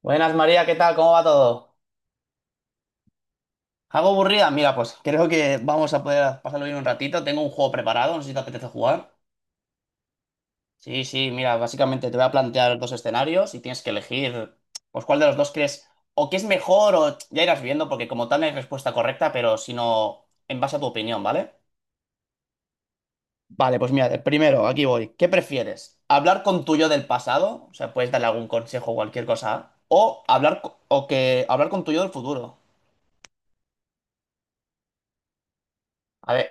Buenas María, ¿qué tal? ¿Cómo va todo? ¿Algo aburrida? Mira, pues creo que vamos a poder pasarlo bien un ratito. Tengo un juego preparado, no sé si te apetece jugar. Sí, sí, mira, básicamente te voy a plantear dos escenarios y tienes que elegir, pues cuál de los dos crees, o qué es mejor, o ya irás viendo, porque como tal no hay respuesta correcta, pero si no, en base a tu opinión, ¿vale? Vale, pues mira, el primero, aquí voy. ¿Qué prefieres? ¿Hablar con tu yo del pasado? O sea, puedes darle algún consejo o cualquier cosa. O hablar, o que hablar con tu yo del futuro. A ver,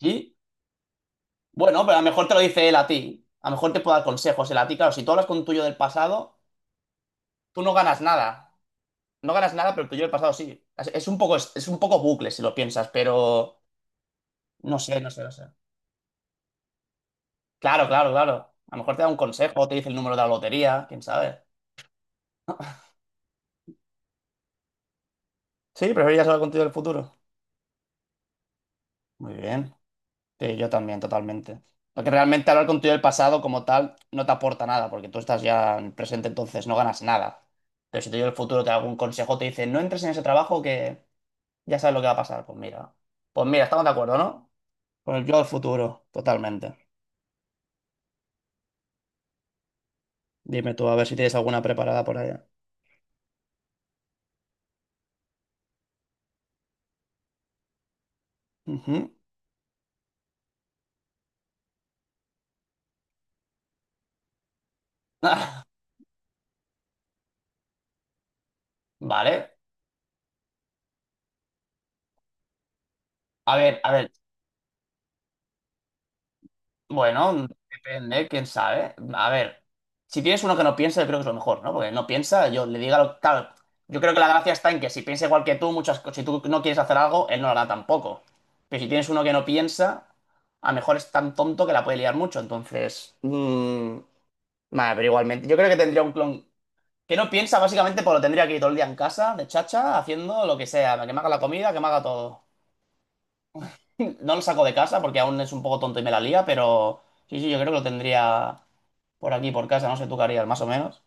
¿sí? Bueno, pero a lo mejor te lo dice él a ti. A lo mejor te puede dar consejos él a ti. Claro, si tú hablas con un tuyo del pasado, tú no ganas nada. No ganas nada, pero el tuyo del pasado sí. Es un poco, es un poco bucle si lo piensas, pero no sé. Claro, claro, claro. A lo mejor te da un consejo, te dice el número de la lotería, quién sabe. Sí, preferirías hablar contigo del futuro. Muy bien. Sí, yo también, totalmente. Porque realmente hablar contigo del pasado como tal no te aporta nada, porque tú estás ya en el presente, entonces no ganas nada. Pero si te digo el futuro, te da algún consejo, te dice, no entres en ese trabajo que ya sabes lo que va a pasar. Pues mira. Pues mira, estamos de acuerdo, ¿no? Pues yo al futuro, totalmente. Dime tú, a ver si tienes alguna preparada por allá. Ujú. Ah, vale. A ver, a ver. Bueno, depende, quién sabe. A ver, si tienes uno que no piensa, yo creo que es lo mejor, ¿no? Porque no piensa, yo le diga lo. Claro, yo creo que la gracia está en que si piensa igual que tú, muchas cosas, si tú no quieres hacer algo, él no lo hará tampoco. Pero si tienes uno que no piensa, a lo mejor es tan tonto que la puede liar mucho. Entonces. Vale, pero igualmente. Yo creo que tendría un clon. Que no piensa, básicamente, pues lo tendría aquí todo el día en casa, de chacha, haciendo lo que sea, que me haga la comida, que me haga todo. No lo saco de casa porque aún es un poco tonto y me la lía, pero sí, sí, yo creo que lo tendría por aquí, por casa, no sé tú qué harías, más o menos.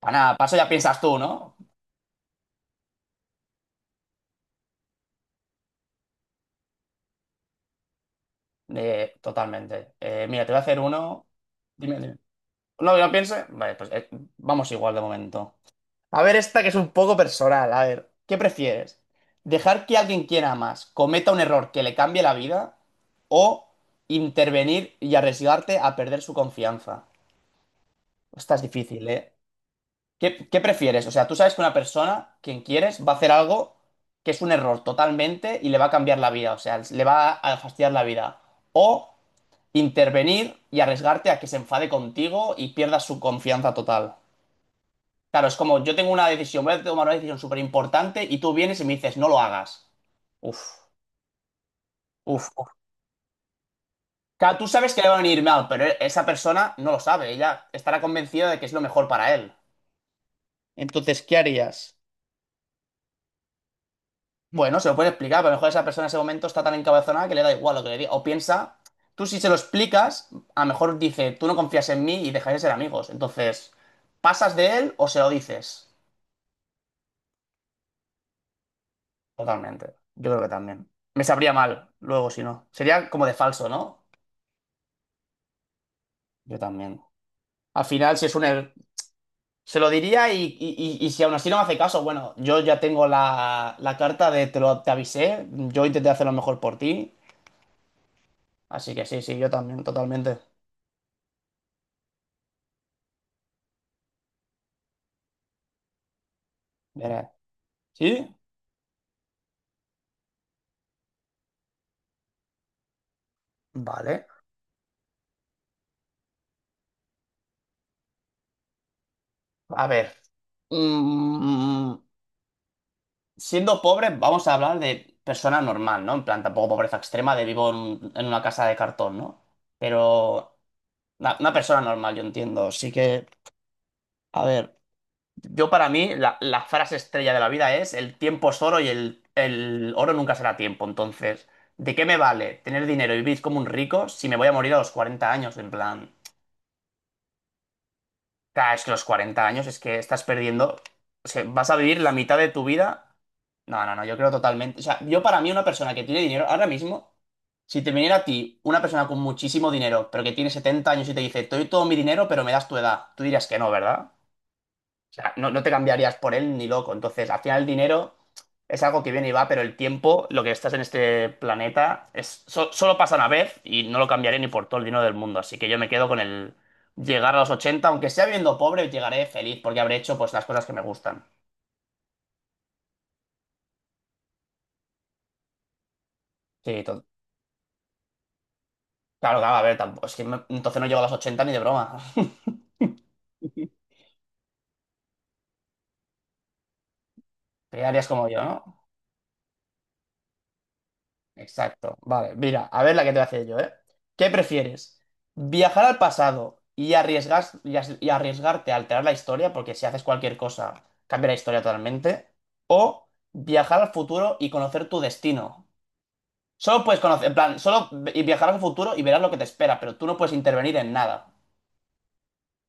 Para nada, paso ya piensas tú, ¿no? Totalmente. Mira, te voy a hacer uno. Dime, dime. No, yo piense. Vale, pues vamos igual de momento. A ver, esta que es un poco personal. A ver, ¿qué prefieres? ¿Dejar que alguien quiera más cometa un error que le cambie la vida? ¿O intervenir y arriesgarte a perder su confianza? Esta es difícil, ¿eh? ¿Qué prefieres? O sea, tú sabes que una persona, quien quieres, va a hacer algo que es un error totalmente y le va a cambiar la vida. O sea, le va a fastidiar la vida. O intervenir y arriesgarte a que se enfade contigo y pierdas su confianza total. Claro, es como yo tengo una decisión, voy a tomar una decisión súper importante y tú vienes y me dices, no lo hagas. Uf, uf, uf. Claro, tú sabes que le va a venir mal, pero esa persona no lo sabe. Ella estará convencida de que es lo mejor para él. Entonces, ¿qué harías? Bueno, se lo puede explicar, pero a lo mejor esa persona en ese momento está tan encabezonada que le da igual lo que le diga. O piensa, tú si se lo explicas, a lo mejor dice, tú no confías en mí y dejáis de ser amigos. Entonces, ¿pasas de él o se lo dices? Totalmente. Yo creo que también. Me sabría mal luego si no. Sería como de falso, ¿no? Yo también. Al final, si es un... er- Se lo diría y, y si aún así no me hace caso, bueno, yo ya tengo la carta de te avisé, yo intenté hacer lo mejor por ti, así que sí, sí, yo también, totalmente. Veré. ¿Sí? Vale. A ver. Mm, siendo pobre, vamos a hablar de persona normal, ¿no? En plan, tampoco pobreza extrema de vivo en una casa de cartón, ¿no? Pero una persona normal, yo entiendo. Así que, a ver. Yo para mí la frase estrella de la vida es el tiempo es oro y el oro nunca será tiempo. Entonces, ¿de qué me vale tener dinero y vivir como un rico si me voy a morir a los 40 años? En plan, claro, es que los 40 años es que estás perdiendo, o sea, vas a vivir la mitad de tu vida. No, no, no, yo creo totalmente. O sea, yo para mí una persona que tiene dinero ahora mismo, si te viniera a ti una persona con muchísimo dinero, pero que tiene 70 años y te dice, te doy todo mi dinero, pero me das tu edad, tú dirías que no, ¿verdad? O sea, no, no te cambiarías por él ni loco. Entonces, al final el dinero es algo que viene y va, pero el tiempo, lo que estás en este planeta, solo pasa una vez y no lo cambiaré ni por todo el dinero del mundo. Así que yo me quedo con el llegar a los 80 aunque sea viviendo pobre, llegaré feliz porque habré hecho pues las cosas que me gustan. Sí, claro, claro, a ver, tampoco, es que entonces no llego a los 80 ni de broma. Te quedarías como yo, ¿no? Exacto. Vale, mira, a ver la que te voy a hacer yo, ¿eh? ¿Qué prefieres? ¿Viajar al pasado y arriesgarte a alterar la historia? Porque si haces cualquier cosa, cambia la historia totalmente. ¿O viajar al futuro y conocer tu destino? Solo puedes conocer, en plan, solo y viajar al futuro y verás lo que te espera, pero tú no puedes intervenir en nada.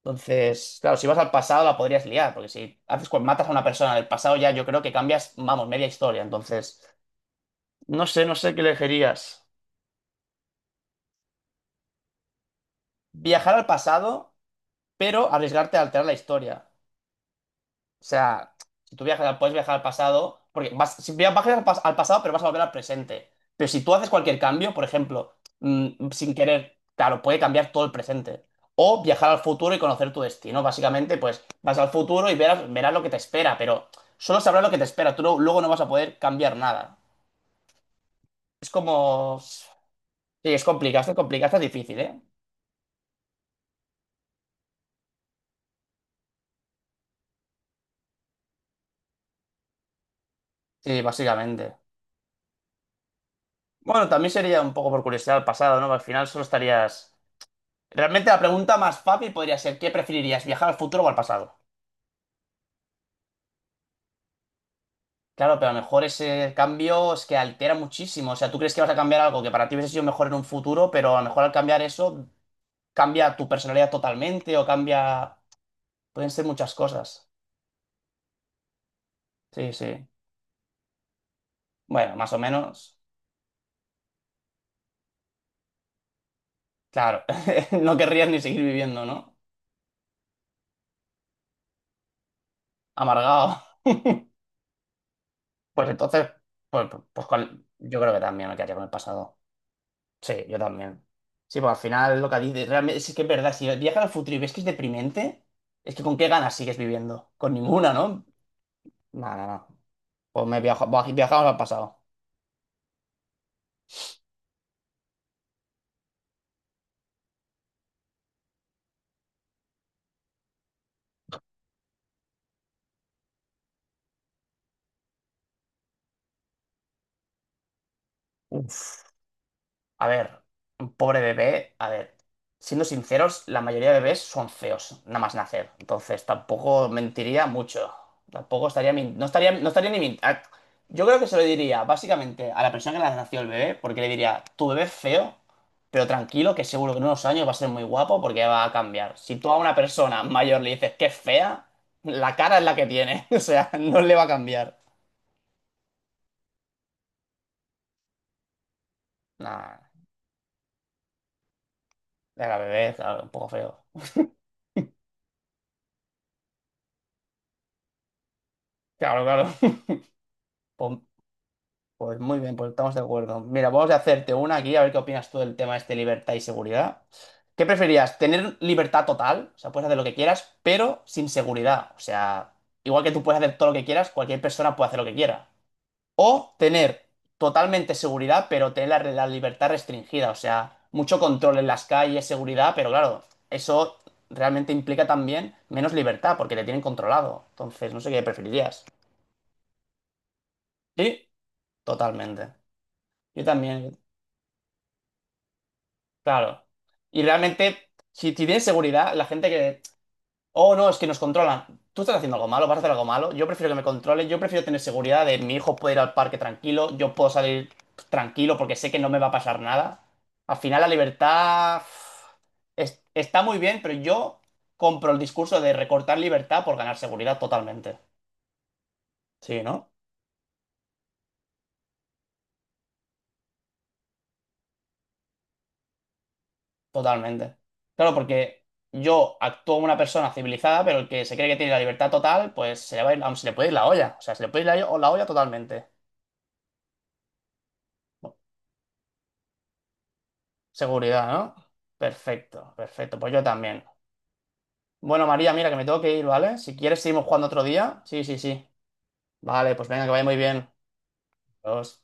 Entonces, claro, si vas al pasado la podrías liar, porque si haces, matas a una persona del pasado ya yo creo que cambias, vamos, media historia. Entonces, no sé qué elegirías. ¿Viajar al pasado? Pero arriesgarte a alterar la historia. O sea, si tú viajas, puedes viajar al pasado, porque vas, si vas al pasado, pero vas a volver al presente. Pero si tú haces cualquier cambio, por ejemplo, sin querer, claro, puede cambiar todo el presente. O viajar al futuro y conocer tu destino. Básicamente, pues vas al futuro y verás lo que te espera, pero solo sabrás lo que te espera. Tú luego no vas a poder cambiar nada. Sí, es complicado, es difícil, ¿eh? Sí, básicamente. Bueno, también sería un poco por curiosidad al pasado, ¿no? Al final solo estarías. Realmente la pregunta más fácil podría ser, ¿qué preferirías, viajar al futuro o al pasado? Claro, pero a lo mejor ese cambio es que altera muchísimo. O sea, tú crees que vas a cambiar algo que para ti hubiese sido mejor en un futuro, pero a lo mejor al cambiar eso cambia tu personalidad totalmente o cambia. Pueden ser muchas cosas. Sí, sí. Bueno, más o menos. Claro, no querrías ni seguir viviendo, ¿no? Amargado. Pues entonces, yo creo que también me quedaría con el pasado. Sí, yo también. Sí, pues al final lo que dices, realmente, es que es verdad, si viajas al futuro y ves que es deprimente, es que con qué ganas sigues viviendo. Con ninguna, ¿no? No, no, no. Pues viajamos al pasado. Uf. A ver, un pobre bebé, a ver, siendo sinceros, la mayoría de bebés son feos, nada más nacer. Entonces tampoco mentiría mucho. Tampoco estaría, no estaría, no estaría ni min- ah, Yo creo que se lo diría básicamente a la persona que le nació el bebé, porque le diría, tu bebé es feo, pero tranquilo, que seguro que en unos años va a ser muy guapo porque va a cambiar. Si tú a una persona mayor le dices que es fea, la cara es la que tiene, o sea, no le va a cambiar. Nada, era bebé, claro, un poco feo. Claro, claro. Pues Pues muy bien, pues estamos de acuerdo. Mira, vamos a hacerte una aquí, a ver qué opinas tú del tema este libertad y seguridad. ¿Qué preferías? ¿Tener libertad total? O sea, puedes hacer lo que quieras, pero sin seguridad. O sea, igual que tú puedes hacer todo lo que quieras, cualquier persona puede hacer lo que quiera. O tener totalmente seguridad, pero tener la libertad restringida. O sea, mucho control en las calles, seguridad, pero claro, eso realmente implica también menos libertad, porque te tienen controlado. Entonces, no sé qué preferirías. Sí, totalmente. Yo también. Claro. Y realmente, si tienes seguridad, la gente que, oh no, es que nos controlan. Tú estás haciendo algo malo, vas a hacer algo malo. Yo prefiero que me controlen, yo prefiero tener seguridad de mi hijo puede ir al parque tranquilo, yo puedo salir tranquilo porque sé que no me va a pasar nada. Al final, la libertad uf, está muy bien, pero yo compro el discurso de recortar libertad por ganar seguridad totalmente. Sí, ¿no? Totalmente. Claro, porque yo actúo como una persona civilizada, pero el que se cree que tiene la libertad total, pues se le va a ir, vamos, se le puede ir la olla. O sea, se le puede ir la olla totalmente. Seguridad, ¿no? Perfecto, perfecto. Pues yo también. Bueno, María, mira que me tengo que ir, ¿vale? Si quieres, seguimos jugando otro día. Sí, sí, sí. Vale, pues venga, que vaya muy bien. Adiós.